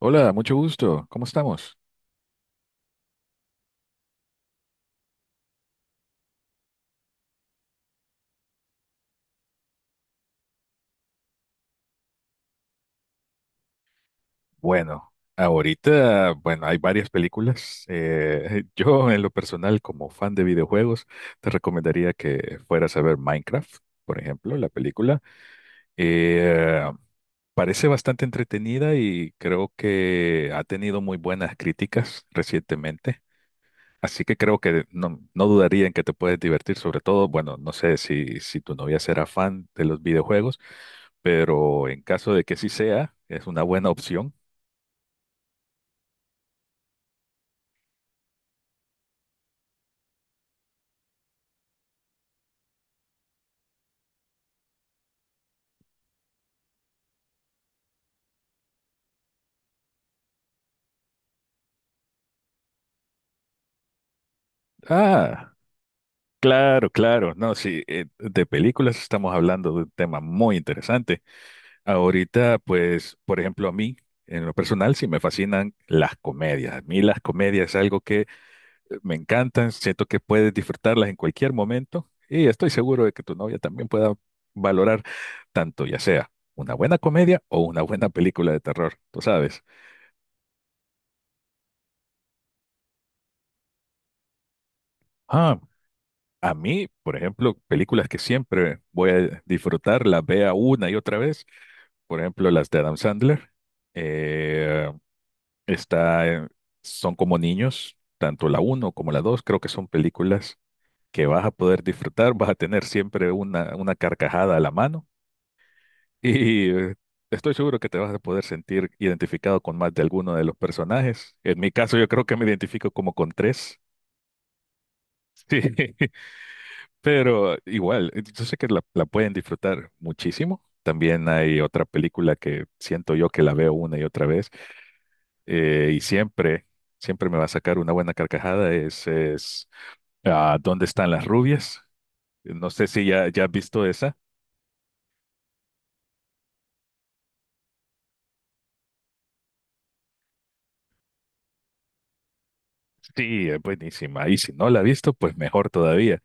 Hola, mucho gusto. ¿Cómo estamos? Bueno, ahorita, bueno, hay varias películas. Yo, en lo personal, como fan de videojuegos, te recomendaría que fueras a ver Minecraft, por ejemplo, la película. Eh, parece bastante entretenida y creo que ha tenido muy buenas críticas recientemente. Así que creo que no, no dudaría en que te puedes divertir, sobre todo, bueno, no sé si tu novia será fan de los videojuegos, pero en caso de que sí sea, es una buena opción. Ah, claro, claro, no, sí, de películas estamos hablando de un tema muy interesante. Ahorita, pues, por ejemplo, a mí, en lo personal, sí me fascinan las comedias. A mí las comedias es algo que me encantan, siento que puedes disfrutarlas en cualquier momento y estoy seguro de que tu novia también pueda valorar tanto ya sea una buena comedia o una buena película de terror, tú sabes. Ah, a mí, por ejemplo, películas que siempre voy a disfrutar, las vea una y otra vez, por ejemplo, las de Adam Sandler, eh, está, en- son como niños, tanto la uno como la 2 creo que son películas que vas a poder disfrutar, vas a tener siempre una carcajada a la mano. Y estoy seguro que te vas a poder sentir identificado con más de alguno de los personajes. En mi caso, yo creo que me identifico como con tres. Sí, pero igual, yo sé que la pueden disfrutar muchísimo. También hay otra película que siento yo que la veo una y otra vez y siempre, siempre me va a sacar una buena carcajada. Es ¿Dónde están las rubias? No sé si ya, ya has visto esa. Sí, es buenísima. Y si no la has visto, pues mejor todavía.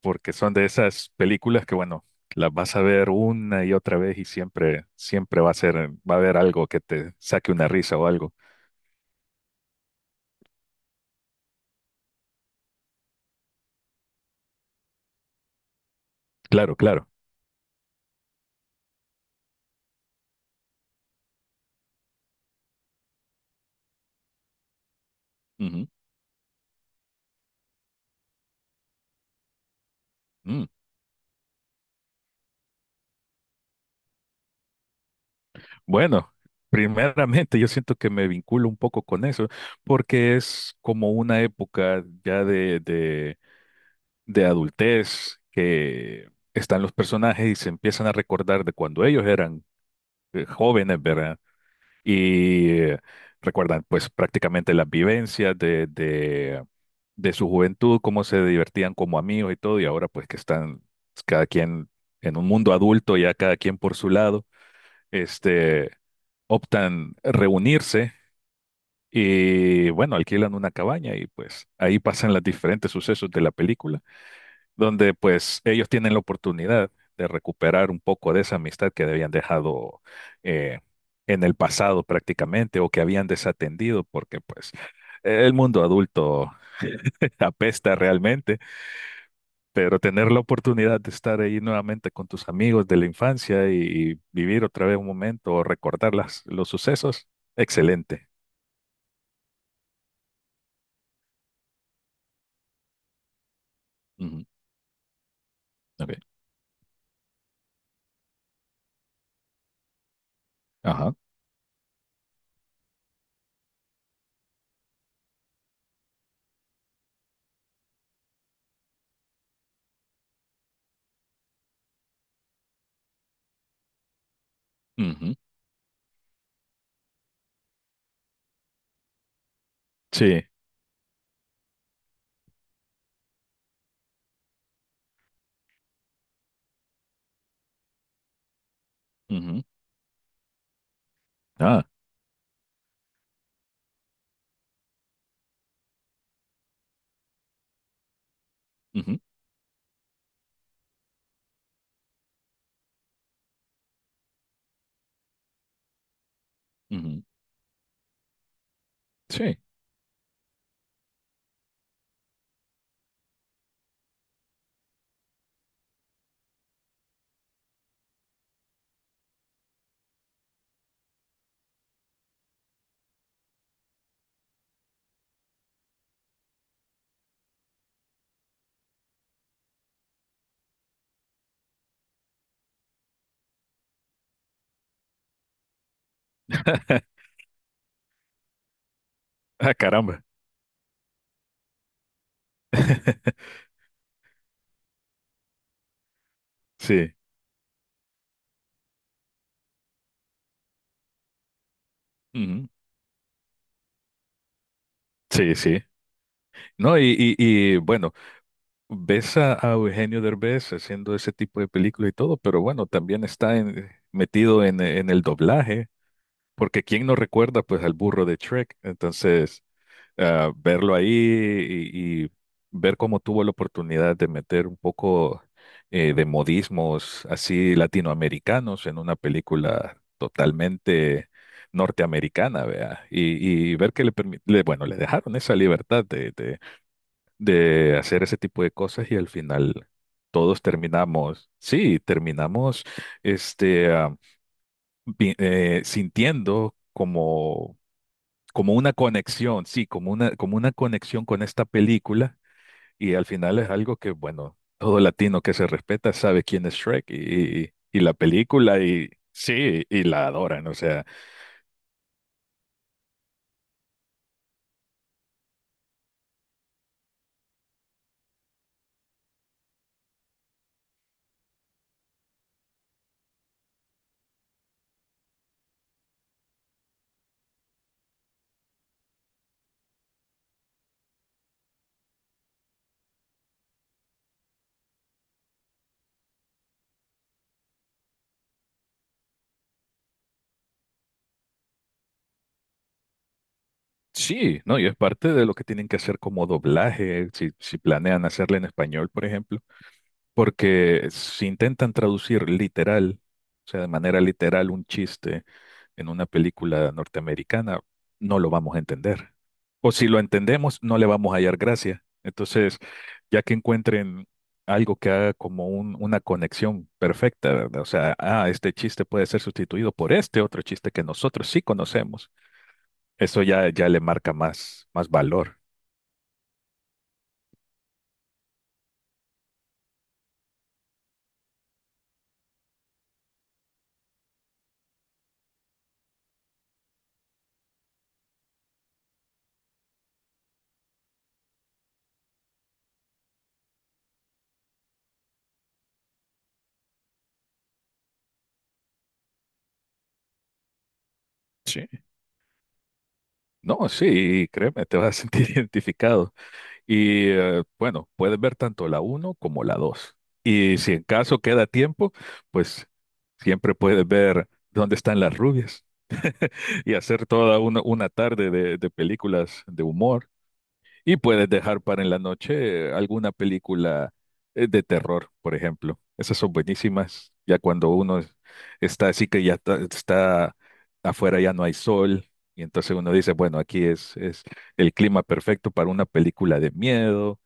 Porque son de esas películas que, bueno, las vas a ver una y otra vez y siempre, siempre va a ser, va a haber algo que te saque una risa o algo. Claro, claro. Ujú. Mm. Bueno, primeramente yo siento que me vinculo un poco con eso, porque es como una época ya de, de adultez que están los personajes y se empiezan a recordar de cuando ellos eran jóvenes, ¿verdad? Y recuerdan pues prácticamente las vivencias de, de su juventud, cómo se divertían como amigos y todo, y ahora pues que están pues, cada quien en un mundo adulto, ya cada quien por su lado, este, optan reunirse y bueno, alquilan una cabaña y pues ahí pasan los diferentes sucesos de la película donde pues ellos tienen la oportunidad de recuperar un poco de esa amistad que habían dejado eh, en el pasado prácticamente o que habían desatendido porque pues el mundo adulto apesta realmente, pero tener la oportunidad de estar ahí nuevamente con tus amigos de la infancia y vivir otra vez un momento o recordar los sucesos, excelente. Ujú. Ok. Ajá. Ujú. Sí. Ujú. Ah. Ujú, ujú. Sí. Ah, caramba. Sí. Ujú. Sí, sí. No, y, bueno, ves a Eugenio Derbez haciendo ese tipo de película y todo, pero bueno, también está metido en el doblaje, porque quién no recuerda pues al burro de Shrek. Entonces, verlo ahí y ver cómo tuvo la oportunidad de meter un poco de modismos así latinoamericanos en una película totalmente norteamericana, vea, y ver que bueno, le dejaron esa libertad de, de hacer ese tipo de cosas y al final todos terminamos, sí, terminamos este, ah, sintiendo como como una conexión, sí, como una conexión con esta película y al final es algo que, bueno, todo latino que se respeta sabe quién es Shrek y la película y sí, y la adoran, o sea, sí, ¿no? Y es parte de lo que tienen que hacer como doblaje, si planean hacerle en español, por ejemplo. Porque si intentan traducir literal, o sea, de manera literal un chiste en una película norteamericana, no lo vamos a entender. O si lo entendemos, no le vamos a hallar gracia. Entonces, ya que encuentren algo que haga como una conexión perfecta, ¿verdad? O sea, este chiste puede ser sustituido por este otro chiste que nosotros sí conocemos, eso ya, ya le marca más, más valor. Sí. No, sí, créeme, te vas a sentir identificado. Y bueno, puedes ver tanto la uno como la dos. Y si en caso queda tiempo, pues siempre puedes ver ¿Dónde están las rubias? Y hacer toda una tarde de películas de humor. Y puedes dejar para en la noche alguna película de terror, por ejemplo. Esas son buenísimas. Ya cuando uno está así que ya está afuera, ya no hay sol. Y entonces uno dice, bueno, aquí es el clima perfecto para una película de miedo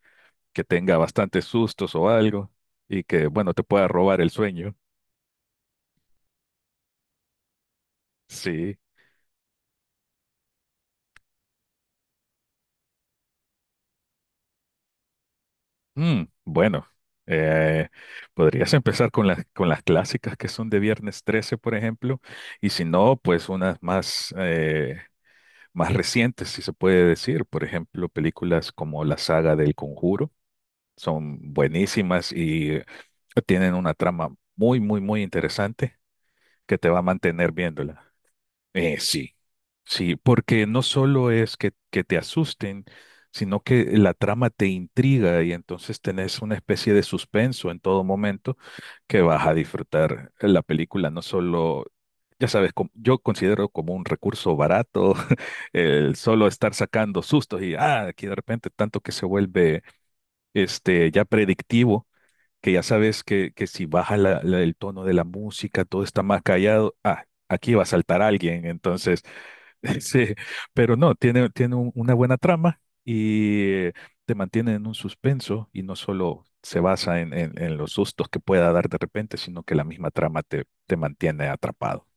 que tenga bastantes sustos o algo y que, bueno, te pueda robar el sueño. Sí. Bueno, eh, podrías empezar con con las clásicas, que son de Viernes trece, por ejemplo, y si no, pues unas más, más recientes, si se puede decir. Por ejemplo, películas como la saga del Conjuro son buenísimas y tienen una trama muy, muy, muy interesante que te va a mantener viéndola. Sí, sí, porque no solo es que te asusten, sino que la trama te intriga y entonces tenés una especie de suspenso en todo momento que vas a disfrutar la película, no solo, ya sabes, yo considero como un recurso barato el solo estar sacando sustos y, aquí de repente tanto que se vuelve este, ya predictivo, que ya sabes que si baja el tono de la música, todo está más callado, aquí va a saltar alguien, entonces. Sí, pero no, tiene una buena trama y te mantiene en un suspenso y no solo se basa en los sustos que pueda dar de repente, sino que la misma trama te mantiene atrapado.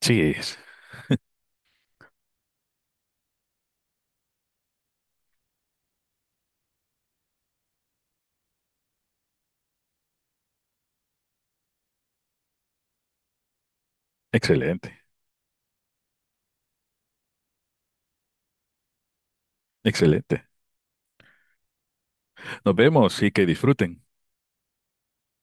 Sí, es excelente, excelente. Nos vemos y que disfruten.